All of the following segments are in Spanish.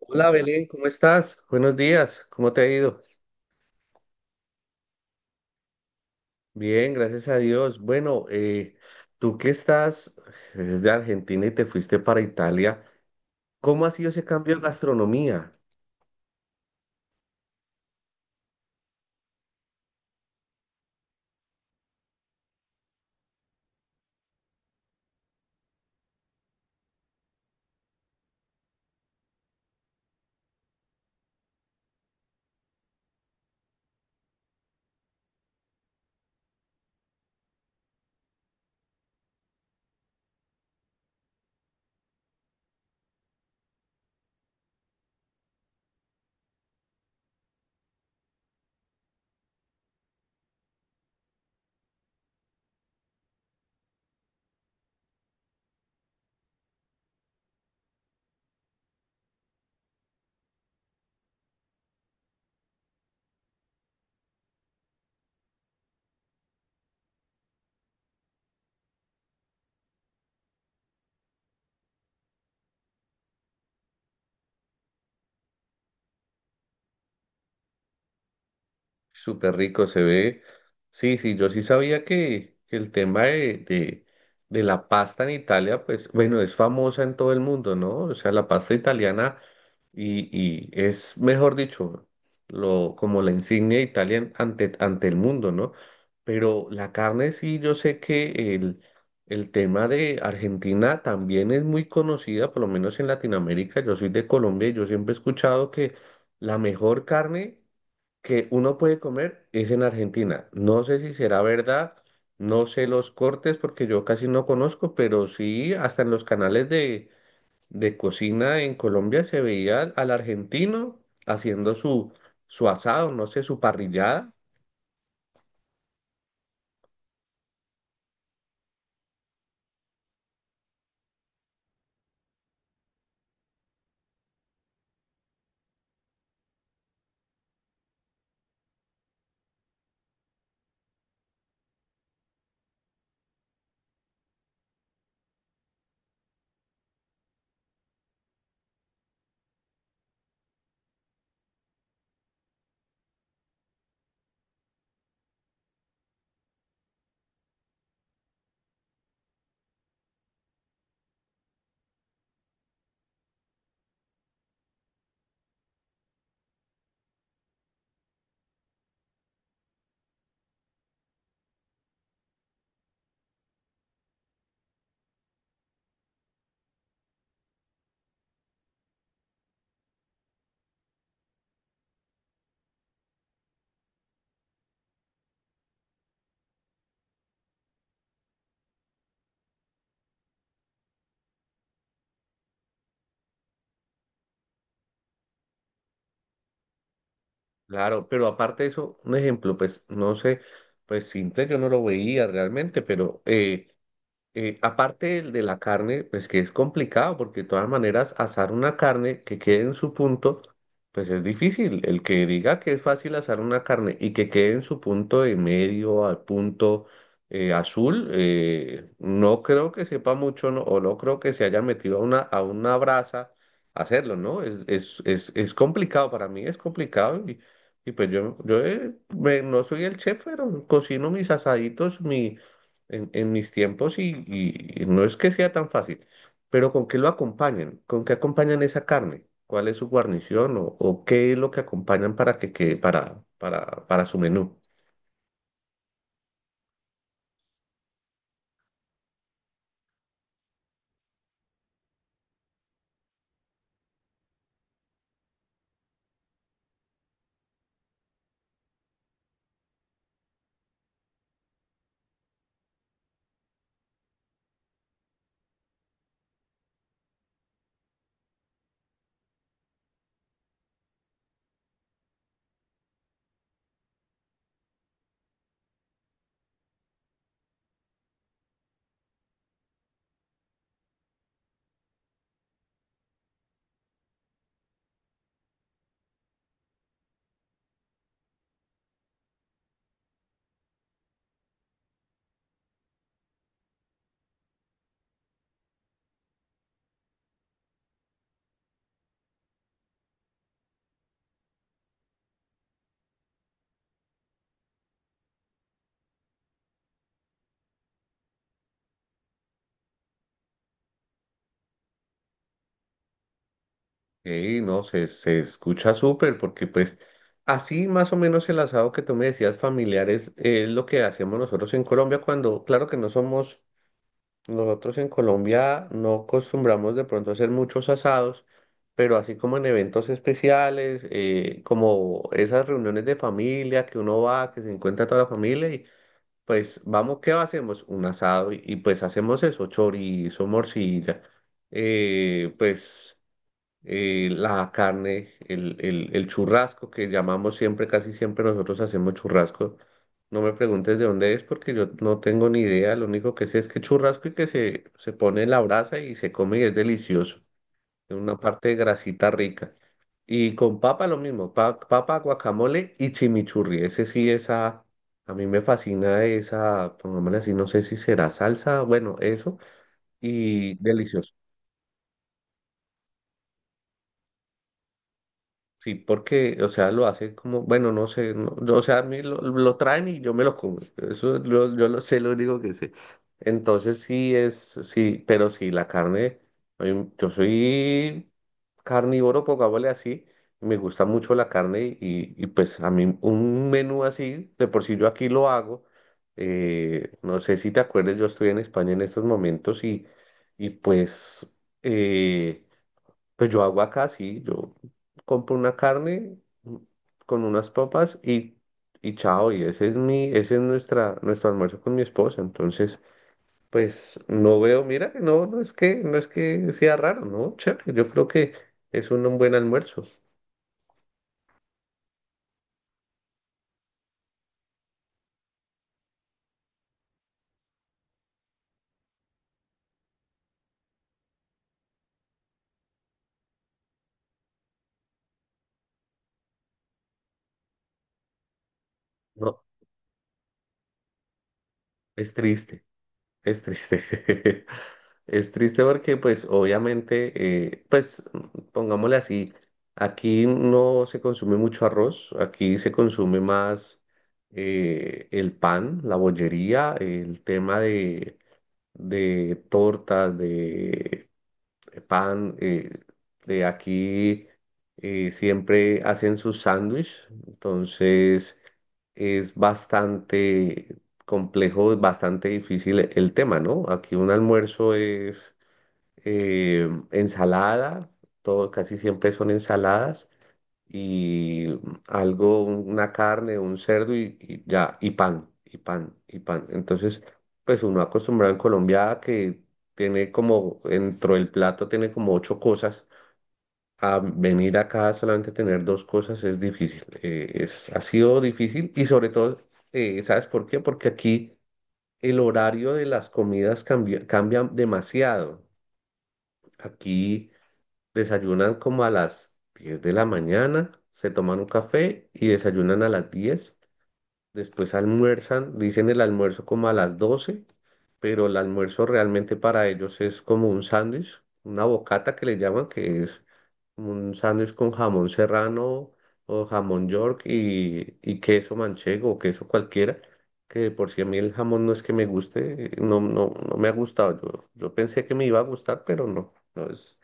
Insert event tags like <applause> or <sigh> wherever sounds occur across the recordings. Hola Belén, ¿cómo estás? Buenos días, ¿cómo te ha ido? Bien, gracias a Dios. Bueno, tú que estás desde Argentina y te fuiste para Italia, ¿cómo ha sido ese cambio de gastronomía? Súper rico se ve. Sí, sí, yo sí sabía que el tema de la pasta en Italia, pues bueno, es famosa en todo el mundo, ¿no? O sea, la pasta italiana. Y es, mejor dicho, lo, como la insignia de Italia ante el mundo, ¿no? Pero la carne sí, yo sé que el tema de Argentina también es muy conocida, por lo menos en Latinoamérica. Yo soy de Colombia y yo siempre he escuchado que la mejor carne que uno puede comer es en Argentina. No sé si será verdad, no sé los cortes porque yo casi no conozco, pero sí, hasta en los canales de cocina en Colombia se veía al argentino haciendo su asado, no sé, su parrillada, claro, pero aparte de eso, un ejemplo, pues no sé, pues simple yo no lo veía realmente, aparte del de la carne, pues que es complicado, porque de todas maneras asar una carne que quede en su punto, pues es difícil. El que diga que es fácil asar una carne y que quede en su punto de medio al punto azul, no creo que sepa mucho, no, o no creo que se haya metido a una brasa a hacerlo, ¿no? Es complicado, para mí es complicado y pues yo, yo no soy el chef, pero cocino mis asaditos, mi en mis tiempos y, y no es que sea tan fácil, pero ¿con qué lo acompañan? ¿Con qué acompañan esa carne? ¿Cuál es su guarnición o qué es lo que acompañan para que quede para su menú? Y no, se escucha súper porque pues así más o menos el asado que tú me decías familiares es lo que hacemos nosotros en Colombia cuando, claro que no somos. Nosotros en Colombia no acostumbramos de pronto a hacer muchos asados, pero así como en eventos especiales, como esas reuniones de familia que uno va, que se encuentra toda la familia y pues vamos, ¿qué hacemos? Un asado y, pues hacemos eso, chorizo, morcilla, eh, pues la carne, el churrasco que llamamos siempre, casi siempre nosotros hacemos churrasco. No me preguntes de dónde es porque yo no tengo ni idea. Lo único que sé es que churrasco y que se pone en la brasa y se come y es delicioso. Es una parte de grasita rica. Y con papa lo mismo, papa, guacamole y chimichurri. Ese sí, esa, a mí me fascina esa, pongámosle así, no sé si será salsa, bueno, eso, y delicioso. Sí, porque, o sea, lo hace como, bueno, no sé, no- yo, o sea, a mí lo traen y yo me lo como. Eso lo- yo lo sé, lo único que sé. Entonces sí es, sí, pero sí, la carne, yo soy carnívoro, pongámosle así, me gusta mucho la carne y pues a mí un menú así, de por sí yo aquí lo hago. No sé si te acuerdas, yo estoy en España en estos momentos y pues... eh, pues yo hago acá, sí, yo compro una carne con unas papas y chao, y ese es mi, ese es nuestra, nuestro almuerzo con mi esposa. Entonces, pues no veo, mira, que no, no es que, no es que sea raro, ¿no? Chévere, yo creo que es un buen almuerzo. No, es triste. Es triste. <laughs> Es triste porque, pues, obviamente, pues, pongámosle así, aquí no se consume mucho arroz, aquí se consume más el pan, la bollería, el tema de tortas, de pan. De aquí siempre hacen su sándwich, entonces es bastante complejo, bastante difícil el tema, ¿no? Aquí un almuerzo es ensalada, todo, casi siempre son ensaladas y algo, una carne, un cerdo y ya, y pan, y pan, y pan. Entonces, pues uno acostumbrado en Colombia a que tiene como, dentro del plato tiene como ocho cosas. A venir acá solamente tener dos cosas es difícil. Es, ha sido difícil y sobre todo, ¿sabes por qué? Porque aquí el horario de las comidas cambia, cambia demasiado. Aquí desayunan como a las 10 de la mañana, se toman un café y desayunan a las 10. Después almuerzan, dicen el almuerzo como a las 12, pero el almuerzo realmente para ellos es como un sándwich, una bocata que le llaman, que es un sándwich con jamón serrano o jamón york y queso manchego o queso cualquiera, que de por si a mí el jamón no es que me guste, no, no, no me ha gustado. Yo pensé que me iba a gustar, pero no, no es.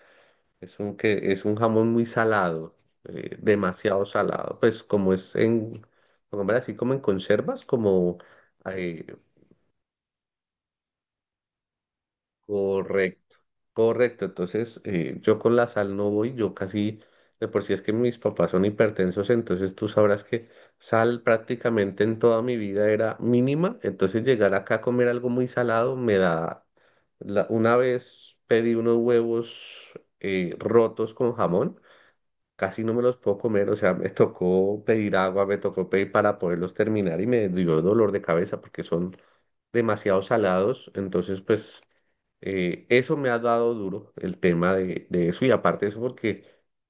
Es un jamón muy salado, demasiado salado. Pues como es en, como hombre, así como en conservas, como eh, correcto, correcto. Entonces, yo con la sal no voy, yo casi, de por sí es que mis papás son hipertensos, entonces tú sabrás que sal prácticamente en toda mi vida era mínima. Entonces llegar acá a comer algo muy salado me da, una vez pedí unos huevos rotos con jamón. Casi no me los puedo comer, o sea, me tocó pedir agua, me tocó pedir para poderlos terminar y me dio dolor de cabeza porque son demasiado salados, entonces pues eso me ha dado duro el tema de eso y aparte de eso porque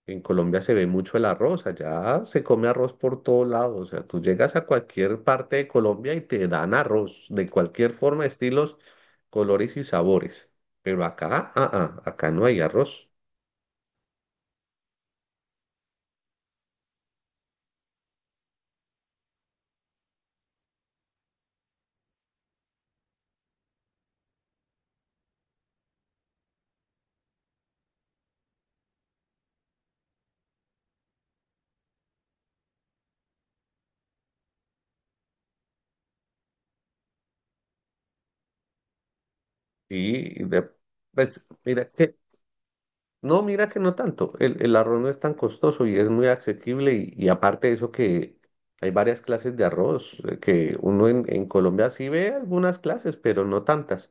en Colombia se ve mucho el arroz, allá se come arroz por todos lados, o sea, tú llegas a cualquier parte de Colombia y te dan arroz de cualquier forma, estilos, colores y sabores, pero acá, acá no hay arroz y de- pues mira que no, mira que no tanto. El arroz no es tan costoso y es muy asequible. Y aparte de eso que hay varias clases de arroz, que uno en Colombia sí ve algunas clases, pero no tantas.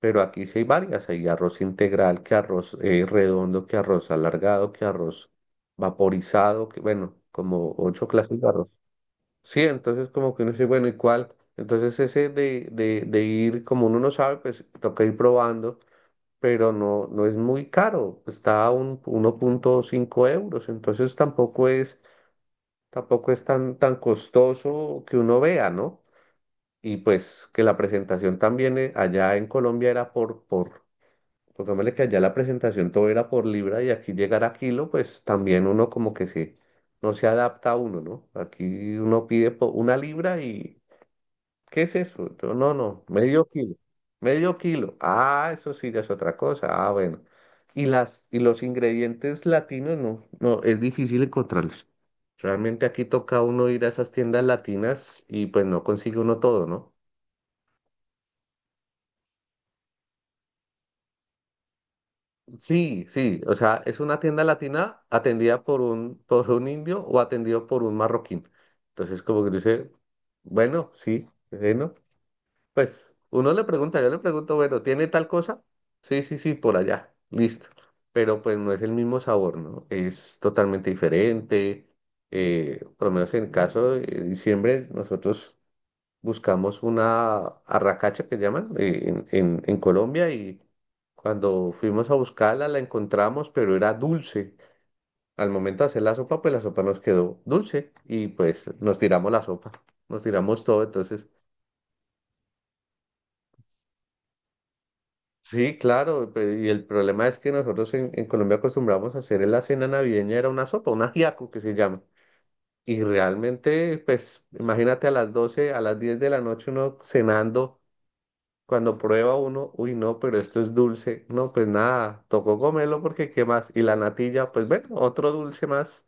Pero aquí sí hay varias. Hay arroz integral, que arroz redondo, que arroz alargado, que arroz vaporizado, que bueno, como ocho clases de arroz. Sí, entonces como que uno dice, bueno, ¿y cuál? Entonces ese de ir, como uno no sabe, pues toca ir probando, pero no, no es muy caro, está a uno punto cinco euros, entonces tampoco es, tampoco es tan, tan costoso que uno vea, ¿no? Y pues que la presentación también allá en Colombia era pongámosle que allá la presentación todo era por libra y aquí llegar a kilo, pues también uno como que se, no se adapta a uno, ¿no? Aquí uno pide una libra y ¿qué es eso? Yo, no, no, medio kilo. Medio kilo. Ah, eso sí, ya es otra cosa. Ah, bueno. Y los ingredientes latinos, no, no, es difícil encontrarlos. Realmente aquí toca uno ir a esas tiendas latinas y pues no consigue uno todo, ¿no? Sí, sí, o sea, es una tienda latina atendida por un indio o atendido por un marroquín. Entonces, como que dice, bueno, sí, bueno. Pues uno le pregunta, yo le pregunto, bueno, ¿tiene tal cosa? Sí, sí, sí, por allá, listo. Pero pues no es el mismo sabor, ¿no? Es totalmente diferente. Por lo menos en el caso de diciembre, nosotros buscamos una arracacha que llaman en Colombia y cuando fuimos a buscarla la encontramos, pero era dulce. Al momento de hacer la sopa, pues la sopa nos quedó dulce y pues nos tiramos la sopa, nos tiramos todo, entonces... Sí, claro, y el problema es que nosotros en Colombia acostumbramos a hacer en la cena navideña, era una sopa, un ajiaco que se llama. Y realmente, pues, imagínate a las 12, a las 10 de la noche uno cenando, cuando prueba uno, uy, no, pero esto es dulce. No, pues nada, tocó comerlo porque qué más. Y la natilla, pues bueno, otro dulce más.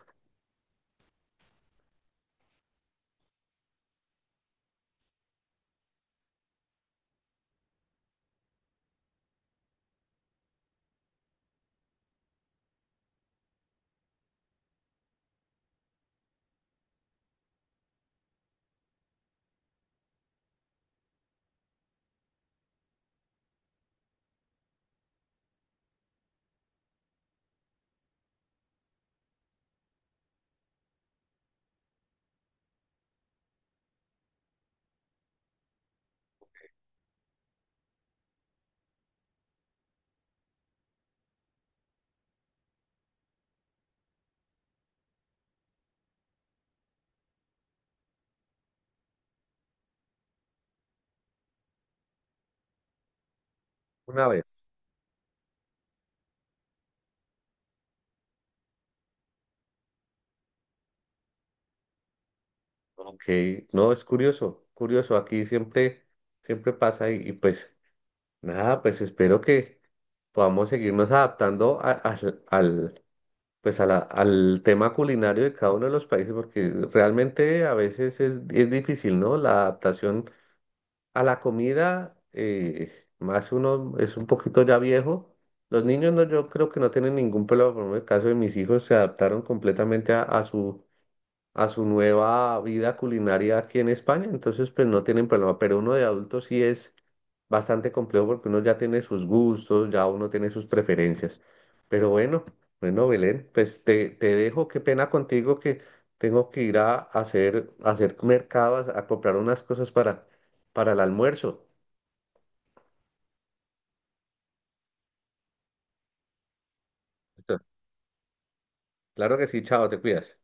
Una vez. Ok, no, es curioso, curioso, aquí siempre, siempre pasa y pues nada, pues espero que podamos seguirnos adaptando pues a al tema culinario de cada uno de los países, porque realmente a veces es difícil, ¿no? La adaptación a la comida, más uno es un poquito ya viejo. Los niños no, yo creo que no tienen ningún problema, por ejemplo, en el caso de mis hijos se adaptaron completamente a su nueva vida culinaria aquí en España, entonces pues no tienen problema, pero uno de adulto sí es bastante complejo porque uno ya tiene sus gustos, ya uno tiene sus preferencias. Pero bueno, bueno, Belén, pues te dejo, qué pena contigo que tengo que ir a hacer mercados, a comprar unas cosas para el almuerzo. Listo. Claro que sí, chao, te cuidas.